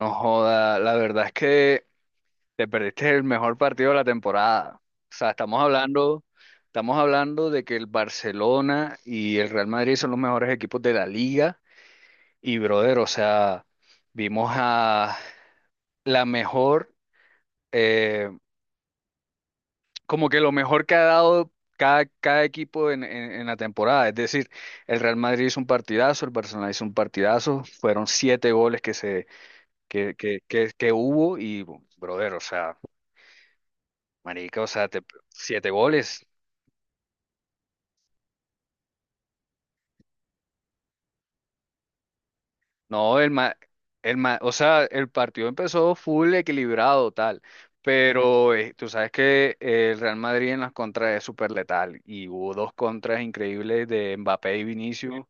No joda, la verdad es que te perdiste el mejor partido de la temporada. O sea, estamos hablando de que el Barcelona y el Real Madrid son los mejores equipos de la liga. Y brother, o sea, vimos a la mejor, eh, como que lo mejor que ha dado cada equipo en la temporada. Es decir, el Real Madrid hizo un partidazo, el Barcelona hizo un partidazo, fueron siete goles que se que hubo y, brother, o sea, marica, o sea, siete goles. No, o sea, el partido empezó full equilibrado, tal. Pero tú sabes que el Real Madrid en las contras es súper letal. Y hubo dos contras increíbles de Mbappé y Vinicius.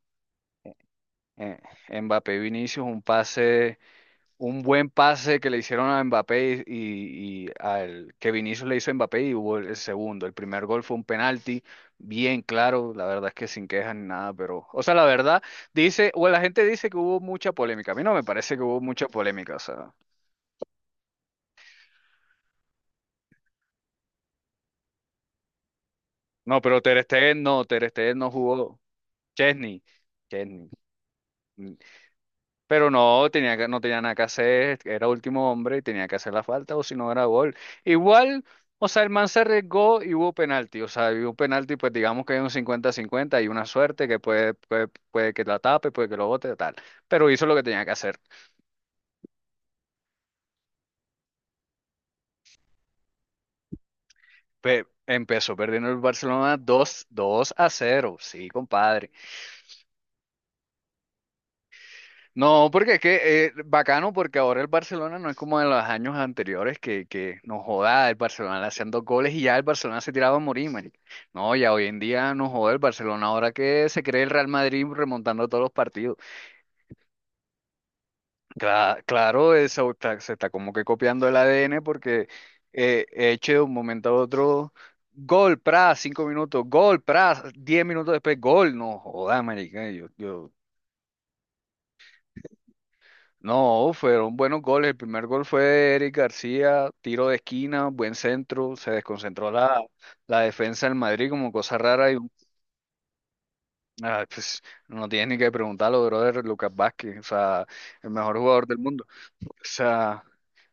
Eh, Mbappé y Vinicius, un pase. Un buen pase que le hicieron a Mbappé y al que Vinicius le hizo a Mbappé y hubo el segundo. El primer gol fue un penalti, bien claro, la verdad es que sin quejas ni nada, pero, o sea, la verdad dice, o la gente dice que hubo mucha polémica. A mí no me parece que hubo mucha polémica, o sea, no, pero Ter Stegen no jugó. Chesney, Chesney. Pero no tenía nada que hacer, era último hombre y tenía que hacer la falta, o si no era gol. Igual, o sea, el man se arriesgó y hubo penalti. O sea, hubo penalti, pues digamos que hay un 50-50, hay una suerte que puede que la tape, puede que lo bote, tal. Pero hizo lo que tenía que hacer. Empezó perdiendo el Barcelona dos a cero. Sí, compadre. No, porque es que bacano, porque ahora el Barcelona no es como en los años anteriores que, nos joda el Barcelona le hacían dos goles y ya el Barcelona se tiraba a morir, marica. No, ya hoy en día nos joda el Barcelona, ahora que se cree el Real Madrid remontando todos los partidos. Claro, se está como que copiando el ADN porque eche de un momento a otro gol, pra, 5 minutos, gol, pra, 10 minutos después, gol, no joda, marica. Yo No, fueron buenos goles. El primer gol fue de Eric García, tiro de esquina, buen centro, se desconcentró la defensa del Madrid como cosa rara y ah, pues, no tienes ni que preguntarlo, brother, Lucas Vázquez, o sea, el mejor jugador del mundo. O sea,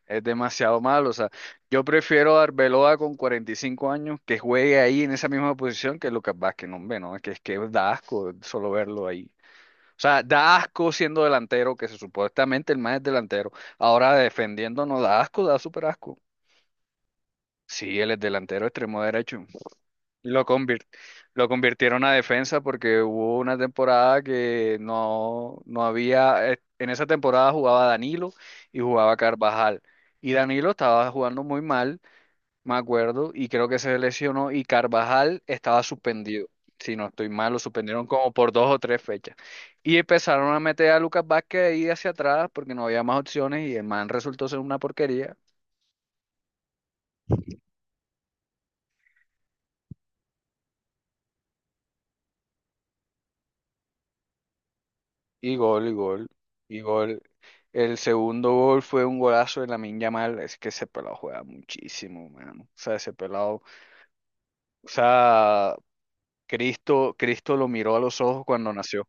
es demasiado malo, o sea, yo prefiero a Arbeloa con 45 años que juegue ahí en esa misma posición que Lucas Vázquez, no, hombre, no, es que da asco solo verlo ahí. O sea, da asco siendo delantero, que se supuestamente el más es delantero. Ahora defendiéndonos da asco, da súper asco. Sí, él es delantero extremo derecho. Y lo convirtieron a defensa porque hubo una temporada que no había. En esa temporada jugaba Danilo y jugaba Carvajal. Y Danilo estaba jugando muy mal me acuerdo, y creo que se lesionó y Carvajal estaba suspendido. Si no estoy mal, lo suspendieron como por dos o tres fechas. Y empezaron a meter a Lucas Vázquez ahí hacia atrás porque no había más opciones y el man resultó ser una porquería. Y gol, y gol, y gol. El segundo gol fue un golazo de Lamine Yamal. Es que ese pelado juega muchísimo, mano. O sea, ese pelado. O sea, Cristo, Cristo lo miró a los ojos cuando nació.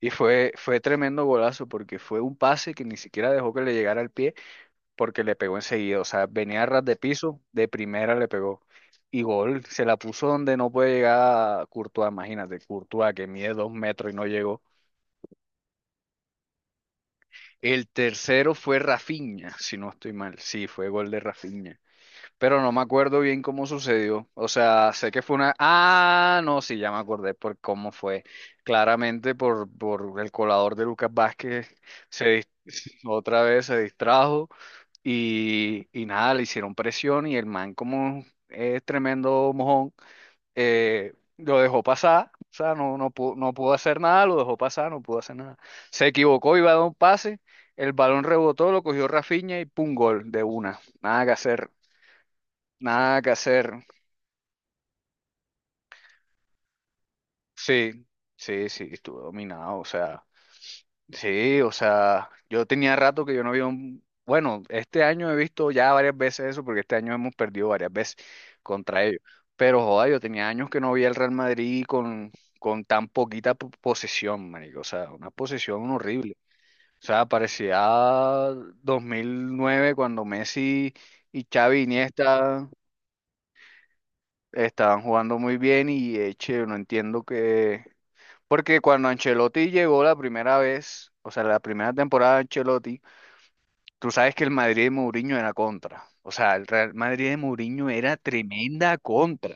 Y fue tremendo golazo porque fue un pase que ni siquiera dejó que le llegara al pie porque le pegó enseguida. O sea, venía a ras de piso, de primera le pegó. Y gol, se la puso donde no puede llegar Courtois, imagínate, Courtois que mide 2 metros y no llegó. El tercero fue Rafinha, si no estoy mal. Sí, fue gol de Rafinha, pero no me acuerdo bien cómo sucedió. O sea, sé que fue una... Ah, no, sí, ya me acordé por cómo fue. Claramente por el colador de Lucas Vázquez se dis- otra vez se distrajo y nada, le hicieron presión y el man como es tremendo mojón, lo dejó pasar. O sea, no, no pudo, no pudo hacer nada, lo dejó pasar, no pudo hacer nada. Se equivocó, iba a dar un pase, el balón rebotó, lo cogió Rafinha y pum, gol de una. Nada que hacer. Nada que hacer. Sí, sí, sí, estuve dominado. O sea, sí, o sea, yo tenía rato que yo no había un... Bueno, este año he visto ya varias veces eso, porque este año hemos perdido varias veces contra ellos. Pero joda, yo tenía años que no veía el Real Madrid con, tan poquita posesión, marico. O sea, una posesión horrible. O sea, parecía 2009 cuando Messi y Xavi Iniesta estaban jugando muy bien y eche, no entiendo que porque cuando Ancelotti llegó la primera vez, o sea, la primera temporada de Ancelotti, tú sabes que el Madrid de Mourinho era contra. O sea, el Real Madrid de Mourinho era tremenda contra.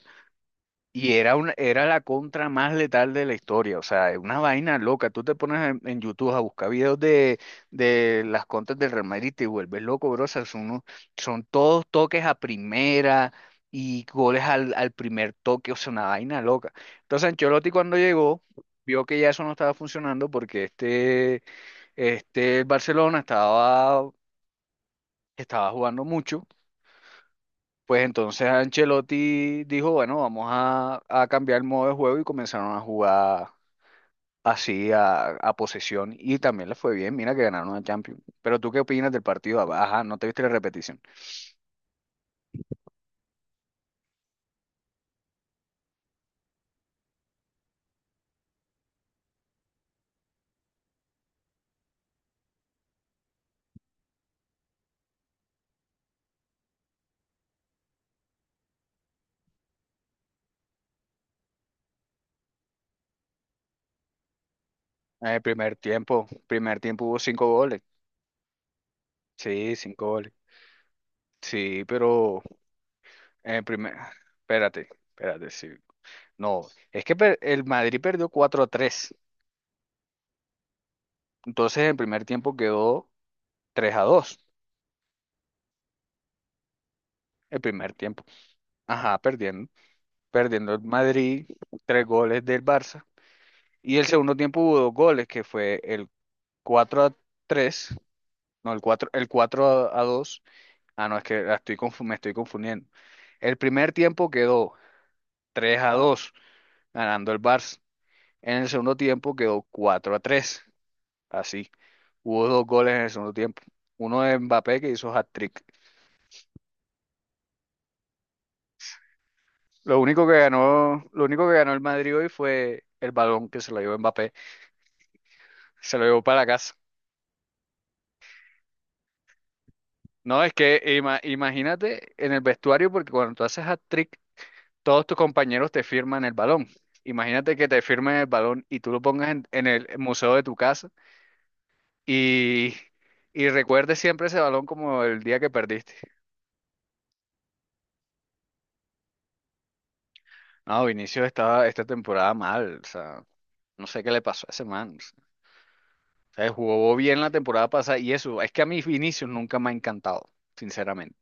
Era la contra más letal de la historia, o sea, es una vaina loca. Tú te pones en YouTube a buscar videos de las contras del Real Madrid y te vuelves loco, bro. O sea, son todos toques a primera y goles al, al primer toque, o sea, una vaina loca. Entonces, Ancelotti cuando llegó, vio que ya eso no estaba funcionando porque este Barcelona estaba jugando mucho. Pues entonces Ancelotti dijo, bueno, vamos a cambiar el modo de juego y comenzaron a jugar así a posesión y también les fue bien, mira que ganaron la Champions. Pero ¿tú qué opinas del partido? Ah, ajá, ¿no te viste la repetición? El primer tiempo hubo cinco goles. Sí, cinco goles. Sí, pero en el primer, espérate, espérate, sí. No, el Madrid perdió 4 a 3. Entonces el primer tiempo quedó 3-2. El primer tiempo. Ajá, perdiendo. El Madrid, tres goles del Barça. Y el segundo tiempo hubo dos goles, que fue el 4-3, no, el 4 a 2. Ah, no, es que la estoy me estoy confundiendo. El primer tiempo quedó 3 a 2 ganando el Barça. En el segundo tiempo quedó 4-3 así. Hubo dos goles en el segundo tiempo. Uno de Mbappé que hizo hat-trick. Lo único que ganó el Madrid hoy fue el balón que se lo llevó Mbappé. Se lo llevó para la casa. No, es que imagínate en el vestuario, porque cuando tú haces hat-trick, todos tus compañeros te firman el balón. Imagínate que te firmen el balón y tú lo pongas en el museo de tu casa y, y recuerdes siempre ese balón como el día que perdiste. No, Vinicius estaba esta temporada mal, o sea, no sé qué le pasó a ese man. O sea, jugó bien la temporada pasada y eso, es que a mí Vinicius nunca me ha encantado, sinceramente.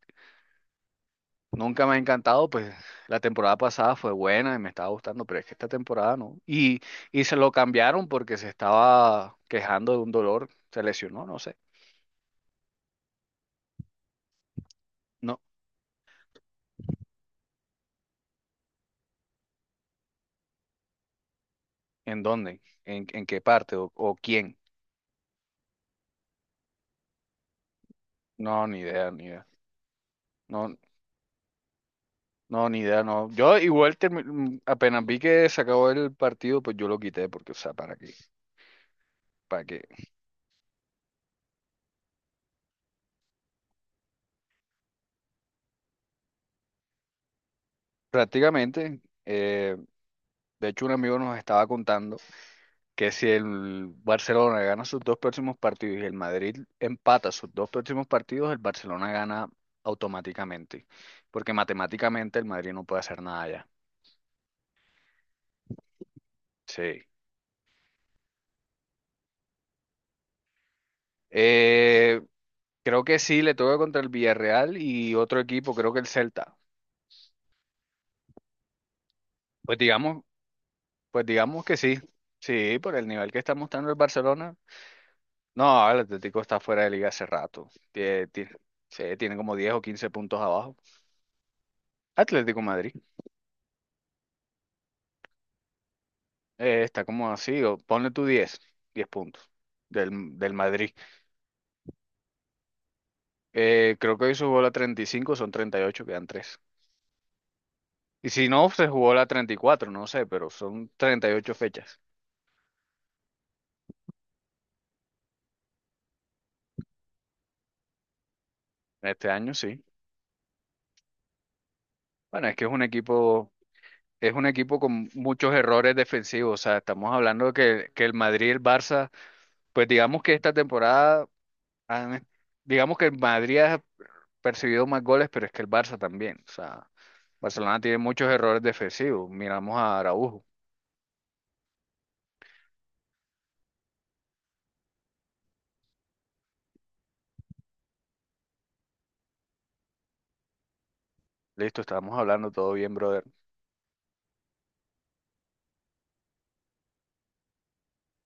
Nunca me ha encantado, pues la temporada pasada fue buena y me estaba gustando, pero es que esta temporada no. Y se lo cambiaron porque se estaba quejando de un dolor, se lesionó, no sé. No, ¿en dónde? ¿En qué parte? ¿O quién? No, ni idea, ni idea. No, no, ni idea, no. Yo igual apenas vi que se acabó el partido, pues yo lo quité, porque, o sea, ¿para qué? ¿Para qué? Prácticamente. eh, De hecho, un amigo nos estaba contando que si el Barcelona gana sus dos próximos partidos y el Madrid empata sus dos próximos partidos, el Barcelona gana automáticamente, porque matemáticamente el Madrid no puede hacer nada ya. Sí. Eh, Creo que sí, le toca contra el Villarreal y otro equipo, creo que el Celta. Pues digamos, pues digamos que sí. Sí, por el nivel que está mostrando el Barcelona. No, el Atlético está fuera de liga hace rato. Sí, tiene como 10 o 15 puntos abajo. Atlético Madrid, está como así, o ponle tu 10 puntos del Madrid. Creo que hoy se jugó la 35, son 38, quedan 3. Y si no, se jugó la 34, no sé, pero son 38 fechas. Este año sí. Bueno, es que es un equipo, con muchos errores defensivos. O sea, estamos hablando de que, el Madrid y el Barça, pues digamos que esta temporada, han- digamos que el Madrid ha percibido más goles, pero es que el Barça también. O sea, Barcelona tiene muchos errores defensivos. Miramos a Araujo. Listo, estábamos hablando todo bien, brother.